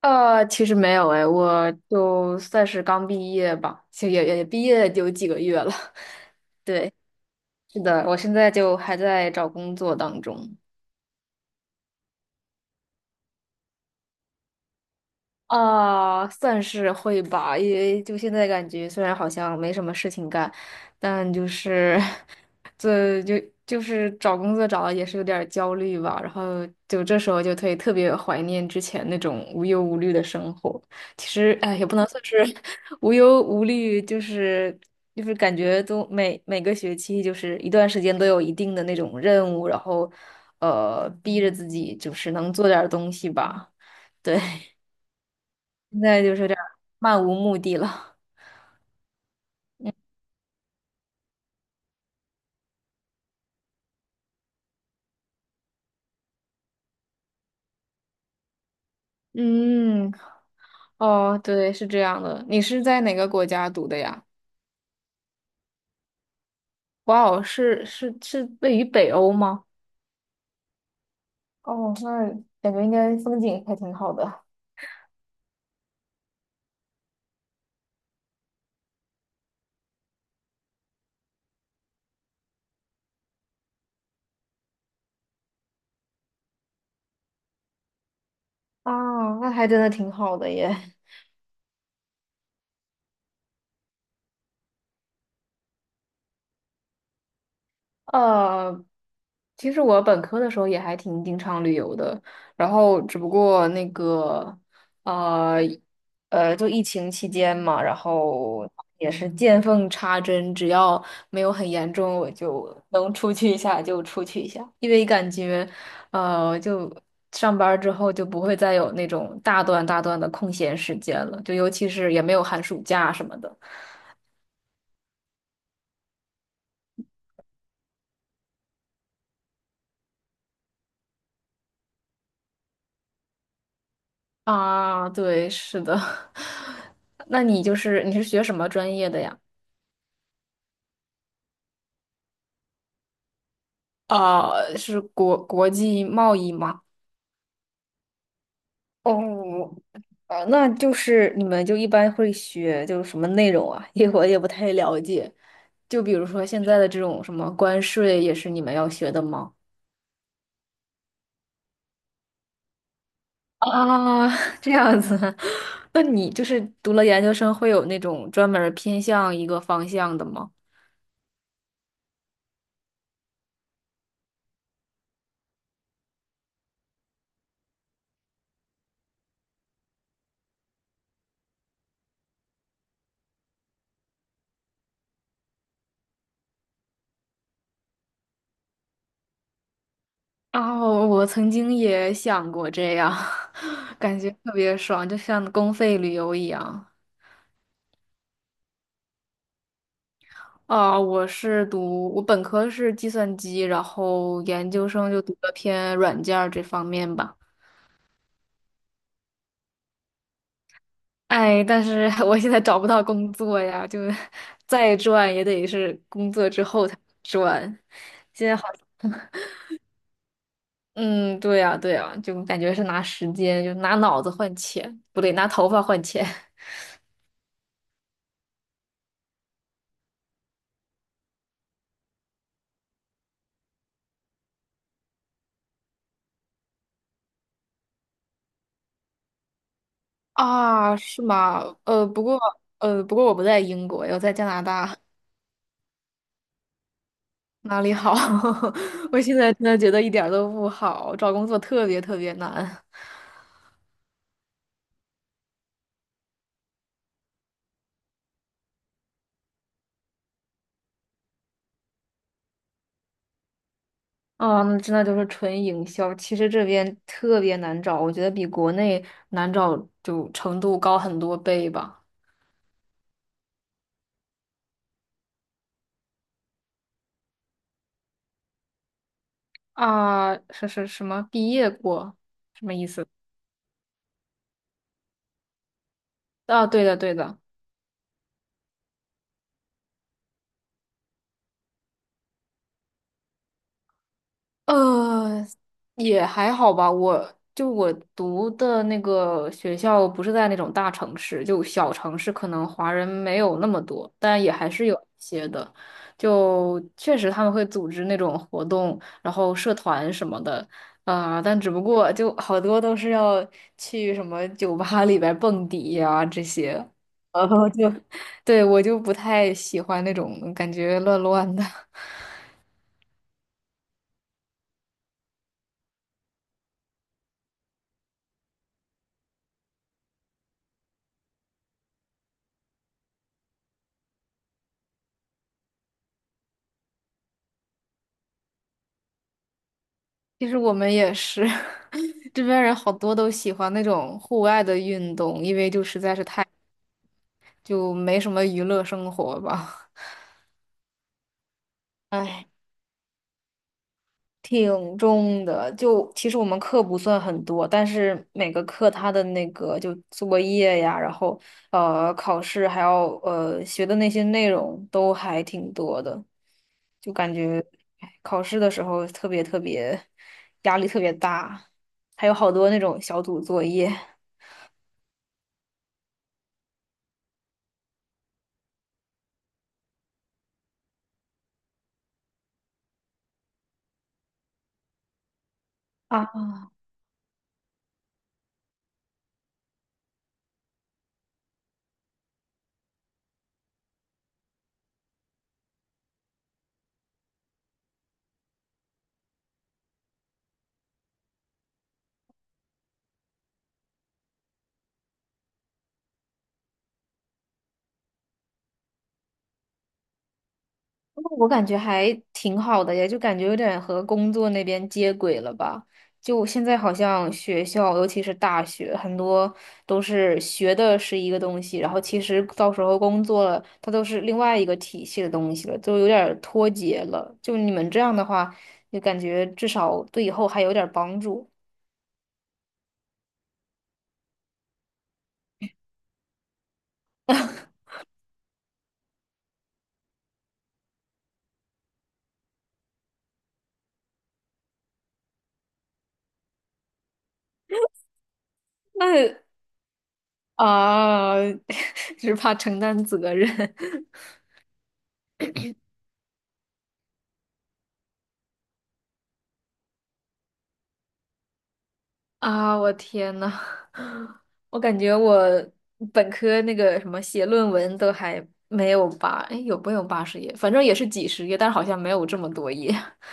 其实没有哎，我就算是刚毕业吧，其实也毕业有几个月了。对，是的，我现在就还在找工作当中。啊，算是会吧，因为就现在感觉虽然好像没什么事情干，但就是 这就就是找工作找的也是有点儿焦虑吧，然后就这时候就特别怀念之前那种无忧无虑的生活。其实哎，也不能算是 无忧无虑，就是感觉每个学期就是一段时间都有一定的那种任务，然后逼着自己就是能做点儿东西吧，对。现在就是这样漫无目的了。嗯，哦，对，是这样的。你是在哪个国家读的呀？哇哦，是位于北欧吗？哦，那感觉应该风景还挺好的。啊，那还真的挺好的耶。呃，其实我本科的时候也还挺经常旅游的，然后只不过那个，呃，就疫情期间嘛，然后也是见缝插针，只要没有很严重，我就能出去一下就出去一下，因为感觉，就上班儿之后就不会再有那种大段大段的空闲时间了，就尤其是也没有寒暑假什么的。啊，对，是的。那你就是你是学什么专业的呀？啊，是国际贸易吗？哦，那就是你们就一般会学就是什么内容啊？因为我也不太了解。就比如说现在的这种什么关税，也是你们要学的吗？啊，这样子，那你就是读了研究生，会有那种专门儿偏向一个方向的吗？哦，我曾经也想过这样，感觉特别爽，就像公费旅游一样。啊，我是读，我本科是计算机，然后研究生就读了偏软件儿这方面吧。哎，但是 我现在找不到工作呀，就 再赚也得是工作之后才赚。现在好，嗯，对呀，对呀，就感觉是拿时间，就拿脑子换钱，不对，拿头发换钱。啊，是吗？不过我不在英国，我在加拿大，哪里好？我现在真的觉得一点儿都不好，找工作特别特别难。啊！那真的就是纯营销，其实这边特别难找，我觉得比国内难找就程度高很多倍吧。啊，是是什么？毕业过？啊，对的。呃，也还好吧。我就我读的那个学校不是在那种大城市，就小城市，可能华人没有那么多，但也还是有一些的。就确实他们会组织那种活动，然后社团什么的，啊、但只不过就好多都是要去什么酒吧里边蹦迪呀、这些，然后就 对我就不太喜欢那种感觉乱乱的。其实我们也是，这边人好多都喜欢那种户外的运动，因为就实在是太，就没什么娱乐生活吧。唉，挺重的。就其实我们课不算很多，但是每个课它的那个就作业呀，然后考试还要学的那些内容都还挺多的，就感觉唉考试的时候特别特别压力特别大，还有好多那种小组作业。啊。我感觉还挺好的呀就感觉有点和工作那边接轨了吧。就现在好像学校，尤其是大学，很多都是学的是一个东西，然后其实到时候工作了，它都是另外一个体系的东西了，就有点儿脱节了。就你们这样的话，就感觉至少对以后还有点儿帮助。那啊，只怕承担责任。啊，我天呐，我感觉我本科那个什么写论文都还没有八，哎，有没有八十页？反正也是几十页，但是好像没有这么多页。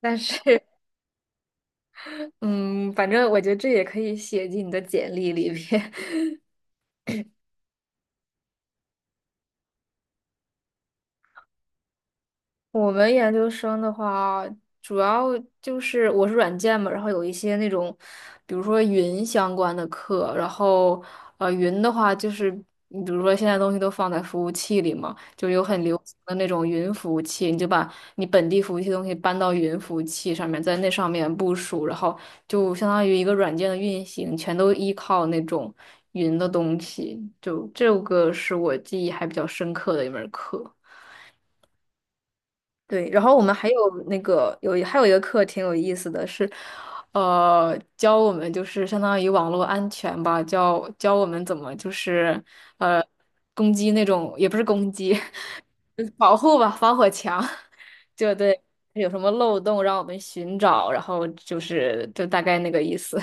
但是，嗯，反正我觉得这也可以写进你的简历里边。我们研究生的话，主要就是我是软件嘛，然后有一些那种，比如说云相关的课，然后云的话就是，你比如说现在东西都放在服务器里嘛，就有很流行的那种云服务器，你就把你本地服务器的东西搬到云服务器上面，在那上面部署，然后就相当于一个软件的运行，全都依靠那种云的东西，就这个是我记忆还比较深刻的一门课。对，然后我们还有一个课挺有意思的是，教我们就是相当于网络安全吧，教我们怎么就是呃攻击那种也不是攻击，就是保护吧，防火墙，就对，有什么漏洞让我们寻找，然后就是就大概那个意思。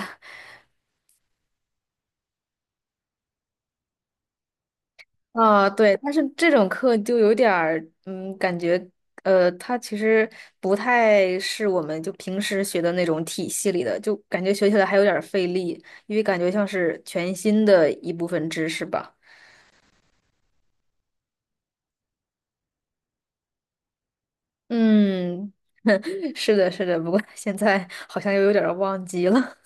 啊，对，但是这种课就有点儿，嗯，感觉，它其实不太是我们就平时学的那种体系里的，就感觉学起来还有点儿费力，因为感觉像是全新的一部分知识吧。嗯，是的，是的，不过现在好像又有点儿忘记了。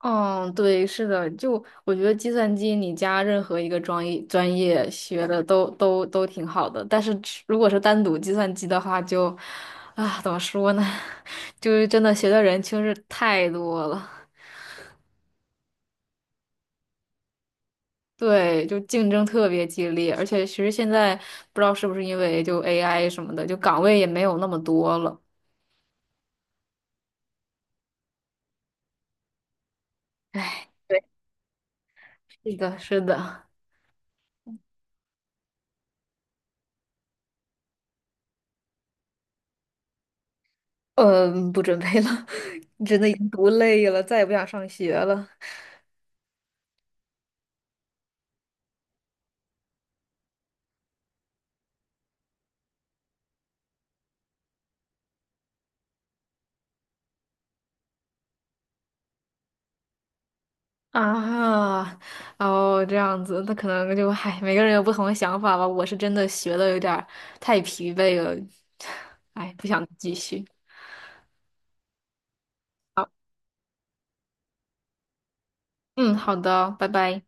嗯，对，是的，就我觉得计算机你加任何一个专业学的都挺好的，但是如果是单独计算机的话就，啊，怎么说呢，就是真的学的人确实太多了，对，就竞争特别激烈，而且其实现在不知道是不是因为就 AI 什么的，就岗位也没有那么多了，唉，对，是的，是的，嗯，不准备了，真的已经读累了，再也不想上学了。啊，哦，这样子，那可能就，唉，每个人有不同的想法吧。我是真的学的有点儿太疲惫了，唉，不想继续。嗯，好的，拜拜。